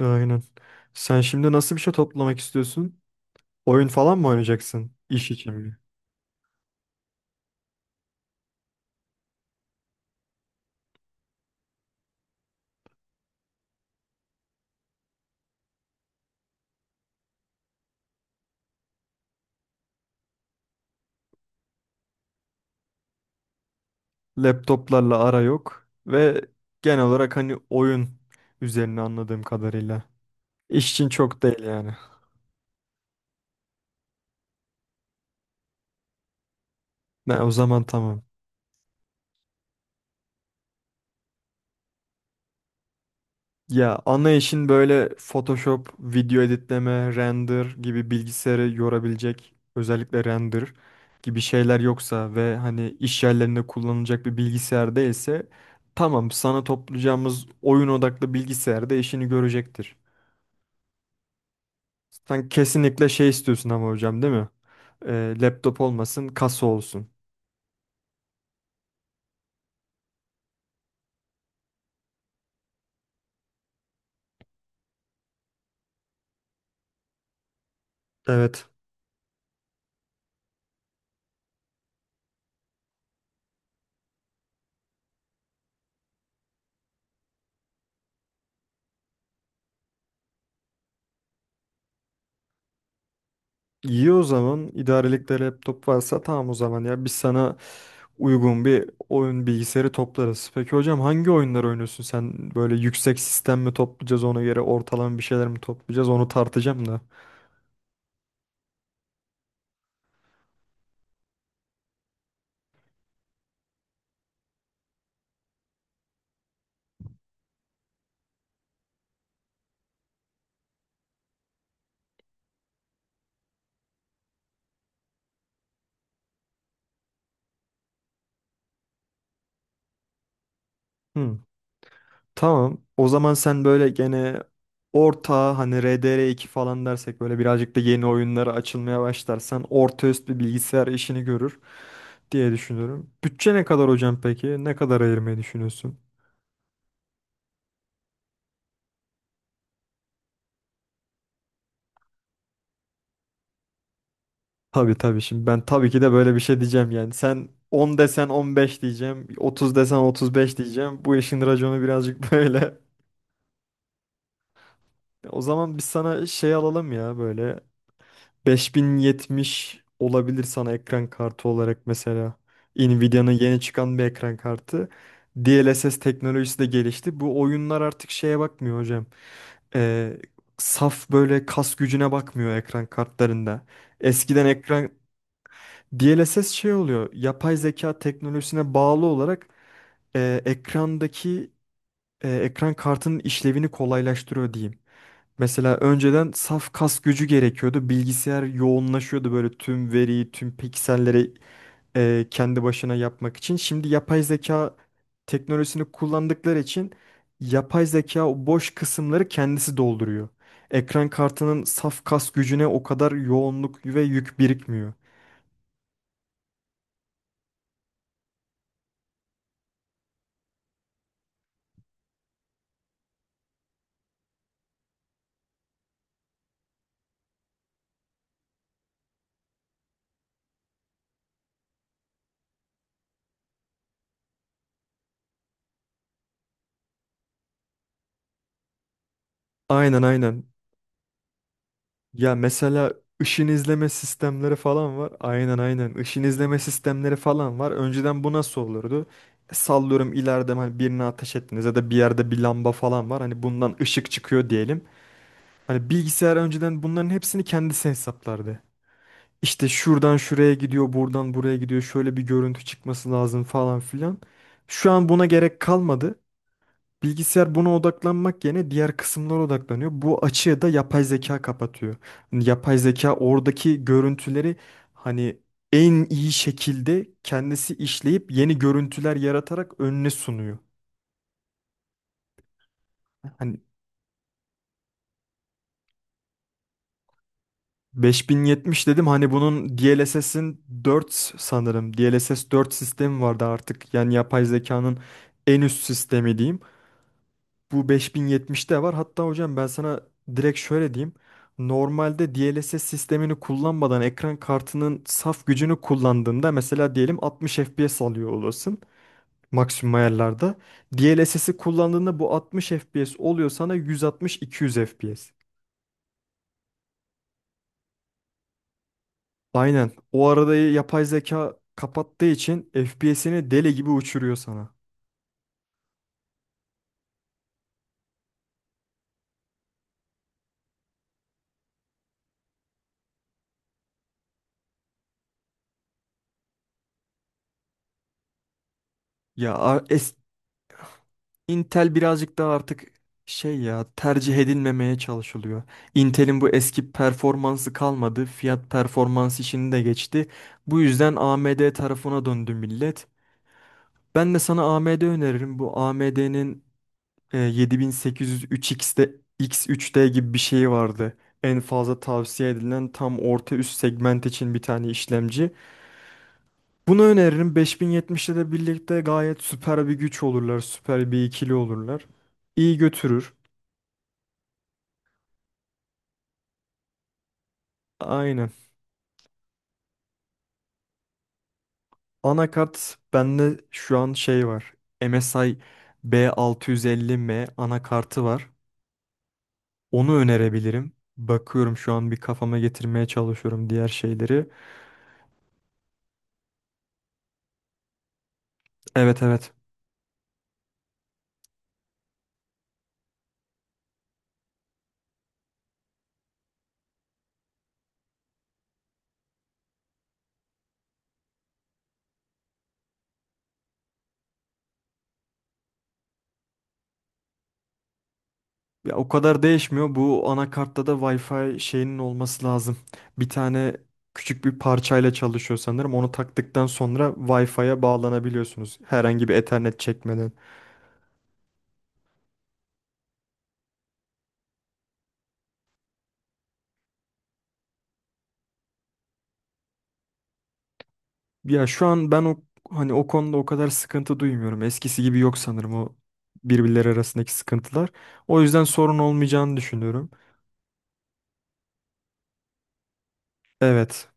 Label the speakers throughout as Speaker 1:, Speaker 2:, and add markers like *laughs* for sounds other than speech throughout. Speaker 1: Aynen. Sen şimdi nasıl bir şey toplamak istiyorsun? Oyun falan mı oynayacaksın? İş için mi? Laptoplarla ara yok ve genel olarak hani oyun üzerine anladığım kadarıyla. İş için çok değil yani. Ne o zaman tamam. Ya ana işin böyle Photoshop, video editleme, render gibi bilgisayarı yorabilecek özellikle render gibi şeyler yoksa ve hani iş yerlerinde kullanılacak bir bilgisayar değilse tamam sana toplayacağımız oyun odaklı bilgisayarda işini görecektir. Sen kesinlikle şey istiyorsun ama hocam değil mi? Laptop olmasın, kasa olsun. Evet. İyi o zaman. İdarelikte laptop varsa tamam o zaman ya. Biz sana uygun bir oyun bilgisayarı toplarız. Peki hocam hangi oyunlar oynuyorsun sen? Böyle yüksek sistem mi toplayacağız ona göre ortalama bir şeyler mi toplayacağız onu tartacağım da. Hı, tamam. O zaman sen böyle gene orta hani RDR2 falan dersek böyle birazcık da yeni oyunlara açılmaya başlarsan orta üst bir bilgisayar işini görür diye düşünüyorum. Bütçe ne kadar hocam peki? Ne kadar ayırmayı düşünüyorsun? Tabii tabii şimdi ben tabii ki de böyle bir şey diyeceğim yani. Sen 10 desen 15 diyeceğim, 30 desen 35 diyeceğim. Bu işin raconu birazcık *laughs* böyle. O zaman biz sana şey alalım ya böyle 5070 olabilir sana ekran kartı olarak mesela. Nvidia'nın yeni çıkan bir ekran kartı. DLSS teknolojisi de gelişti. Bu oyunlar artık şeye bakmıyor hocam. Ee, Saf böyle kas gücüne bakmıyor ekran kartlarında. Eskiden ekran DLSS şey oluyor. Yapay zeka teknolojisine bağlı olarak ekrandaki ekran kartının işlevini kolaylaştırıyor diyeyim. Mesela önceden saf kas gücü gerekiyordu. Bilgisayar yoğunlaşıyordu böyle tüm veriyi, tüm pikselleri kendi başına yapmak için. Şimdi yapay zeka teknolojisini kullandıkları için yapay zeka o boş kısımları kendisi dolduruyor. Ekran kartının saf kas gücüne o kadar yoğunluk ve yük birikmiyor. Aynen, aynen. Ya mesela ışın izleme sistemleri falan var. Aynen, aynen. Işın izleme sistemleri falan var. Önceden bu nasıl olurdu? Sallıyorum ileride hani birine ateş ettiniz ya da bir yerde bir lamba falan var. Hani bundan ışık çıkıyor diyelim. Hani bilgisayar önceden bunların hepsini kendisi hesaplardı. İşte şuradan şuraya gidiyor, buradan buraya gidiyor. Şöyle bir görüntü çıkması lazım falan filan. Şu an buna gerek kalmadı. Bilgisayar buna odaklanmak yerine diğer kısımlara odaklanıyor. Bu açığı da yapay zeka kapatıyor. Hani yapay zeka oradaki görüntüleri hani en iyi şekilde kendisi işleyip yeni görüntüler yaratarak önüne sunuyor. Hani 5070 dedim hani bunun DLSS'in 4 sanırım. DLSS 4 sistemi vardı artık. Yani yapay zekanın en üst sistemi diyeyim. Bu 5070 de var. Hatta hocam ben sana direkt şöyle diyeyim. Normalde DLSS sistemini kullanmadan ekran kartının saf gücünü kullandığında mesela diyelim 60 FPS alıyor olasın maksimum ayarlarda. DLSS'i kullandığında bu 60 FPS oluyor sana 160-200 FPS. Aynen. O arada yapay zeka kapattığı için FPS'ini deli gibi uçuruyor sana. Ya a- es- Intel birazcık daha artık şey ya tercih edilmemeye çalışılıyor. Intel'in bu eski performansı kalmadı. Fiyat performans işini de geçti. Bu yüzden AMD tarafına döndü millet. Ben de sana AMD öneririm. Bu AMD'nin 7800 3X'de X3D gibi bir şeyi vardı. En fazla tavsiye edilen tam orta üst segment için bir tane işlemci. Bunu öneririm. 5070'le de birlikte gayet süper bir güç olurlar. Süper bir ikili olurlar. İyi götürür. Aynen. Anakart bende şu an şey var. MSI B650M anakartı var. Onu önerebilirim. Bakıyorum şu an bir kafama getirmeye çalışıyorum diğer şeyleri. Evet, evet. Ya o kadar değişmiyor. Bu anakartta da Wi-Fi şeyinin olması lazım. Bir tane küçük bir parçayla çalışıyor sanırım. Onu taktıktan sonra Wi-Fi'ye bağlanabiliyorsunuz. Herhangi bir Ethernet çekmeden. Ya şu an ben o hani o konuda o kadar sıkıntı duymuyorum. Eskisi gibi yok sanırım o birbirleri arasındaki sıkıntılar. O yüzden sorun olmayacağını düşünüyorum. Evet.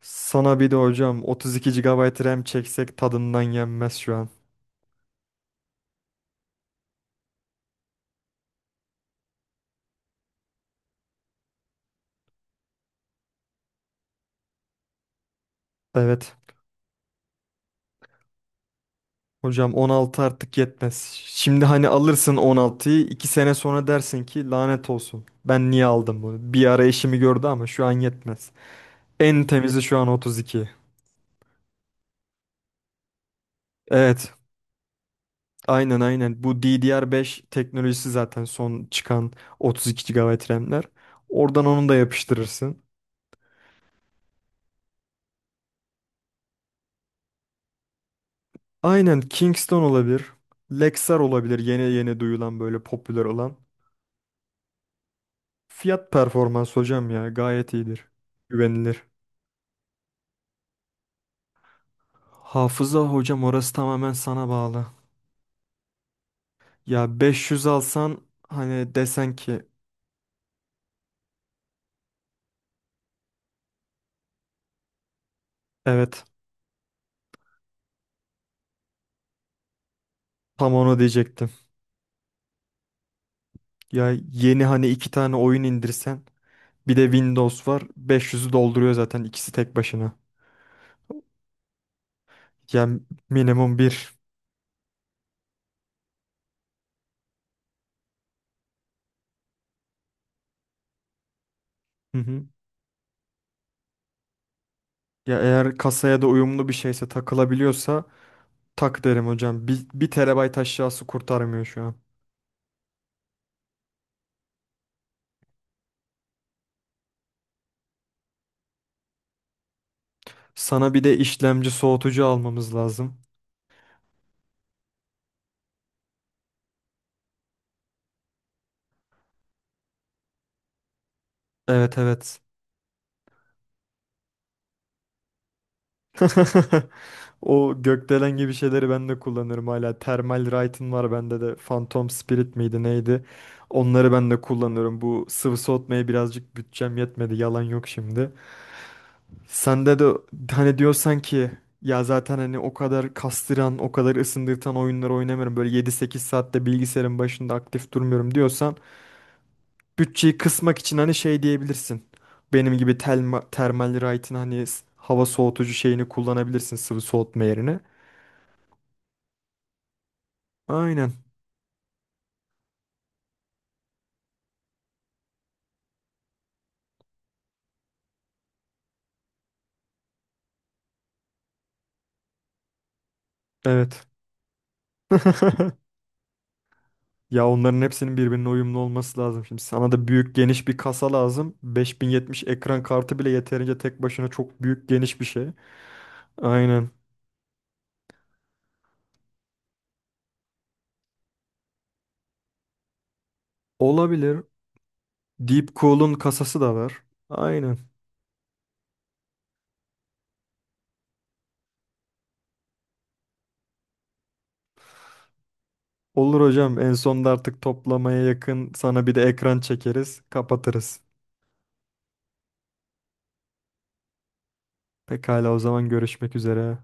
Speaker 1: Sana bir de hocam 32 GB RAM çeksek tadından yenmez şu an. Evet. Hocam 16 artık yetmez. Şimdi hani alırsın 16'yı 2 sene sonra dersin ki lanet olsun. Ben niye aldım bunu? Bir ara eşimi gördü ama şu an yetmez. En temizi şu an 32. Evet. Aynen, aynen. Bu DDR5 teknolojisi zaten son çıkan 32 GB RAM'ler. Oradan onu da yapıştırırsın. Aynen, Kingston olabilir. Lexar olabilir. Yeni yeni duyulan böyle popüler olan. Fiyat performans hocam ya gayet iyidir. Güvenilir. Hafıza hocam orası tamamen sana bağlı. Ya 500 alsan hani desen ki evet, tam onu diyecektim. Ya yeni hani iki tane oyun indirsen bir de Windows var 500'ü dolduruyor zaten ikisi tek başına. Ya minimum bir. Hı hı. Ya eğer kasaya da uyumlu bir şeyse takılabiliyorsa tak derim hocam. Bir, bir terabayt aşağısı kurtarmıyor şu an. Sana bir de işlemci soğutucu almamız lazım. Evet, evet. *laughs* O gökdelen gibi şeyleri ben de kullanırım hala. Thermal Right'ın var bende de. Phantom Spirit miydi neydi? Onları ben de kullanıyorum. Bu sıvı soğutmaya birazcık bütçem yetmedi. Yalan yok şimdi. Sende de hani diyorsan ki ya zaten hani o kadar kastıran, o kadar ısındırtan oyunları oynamıyorum. Böyle yedi sekiz saatte bilgisayarın başında aktif durmuyorum diyorsan bütçeyi kısmak için hani şey diyebilirsin. Benim gibi Thermal Right'in hani hava soğutucu şeyini kullanabilirsin sıvı soğutma yerine. Aynen. Evet. *laughs* Ya onların hepsinin birbirine uyumlu olması lazım. Şimdi sana da büyük geniş bir kasa lazım. Beş bin yetmiş ekran kartı bile yeterince tek başına çok büyük geniş bir şey. Aynen. Olabilir. Deep Cool'un kasası da var. Aynen. Olur hocam. En sonda artık toplamaya yakın sana bir de ekran çekeriz, kapatırız. Pekala, o zaman görüşmek üzere.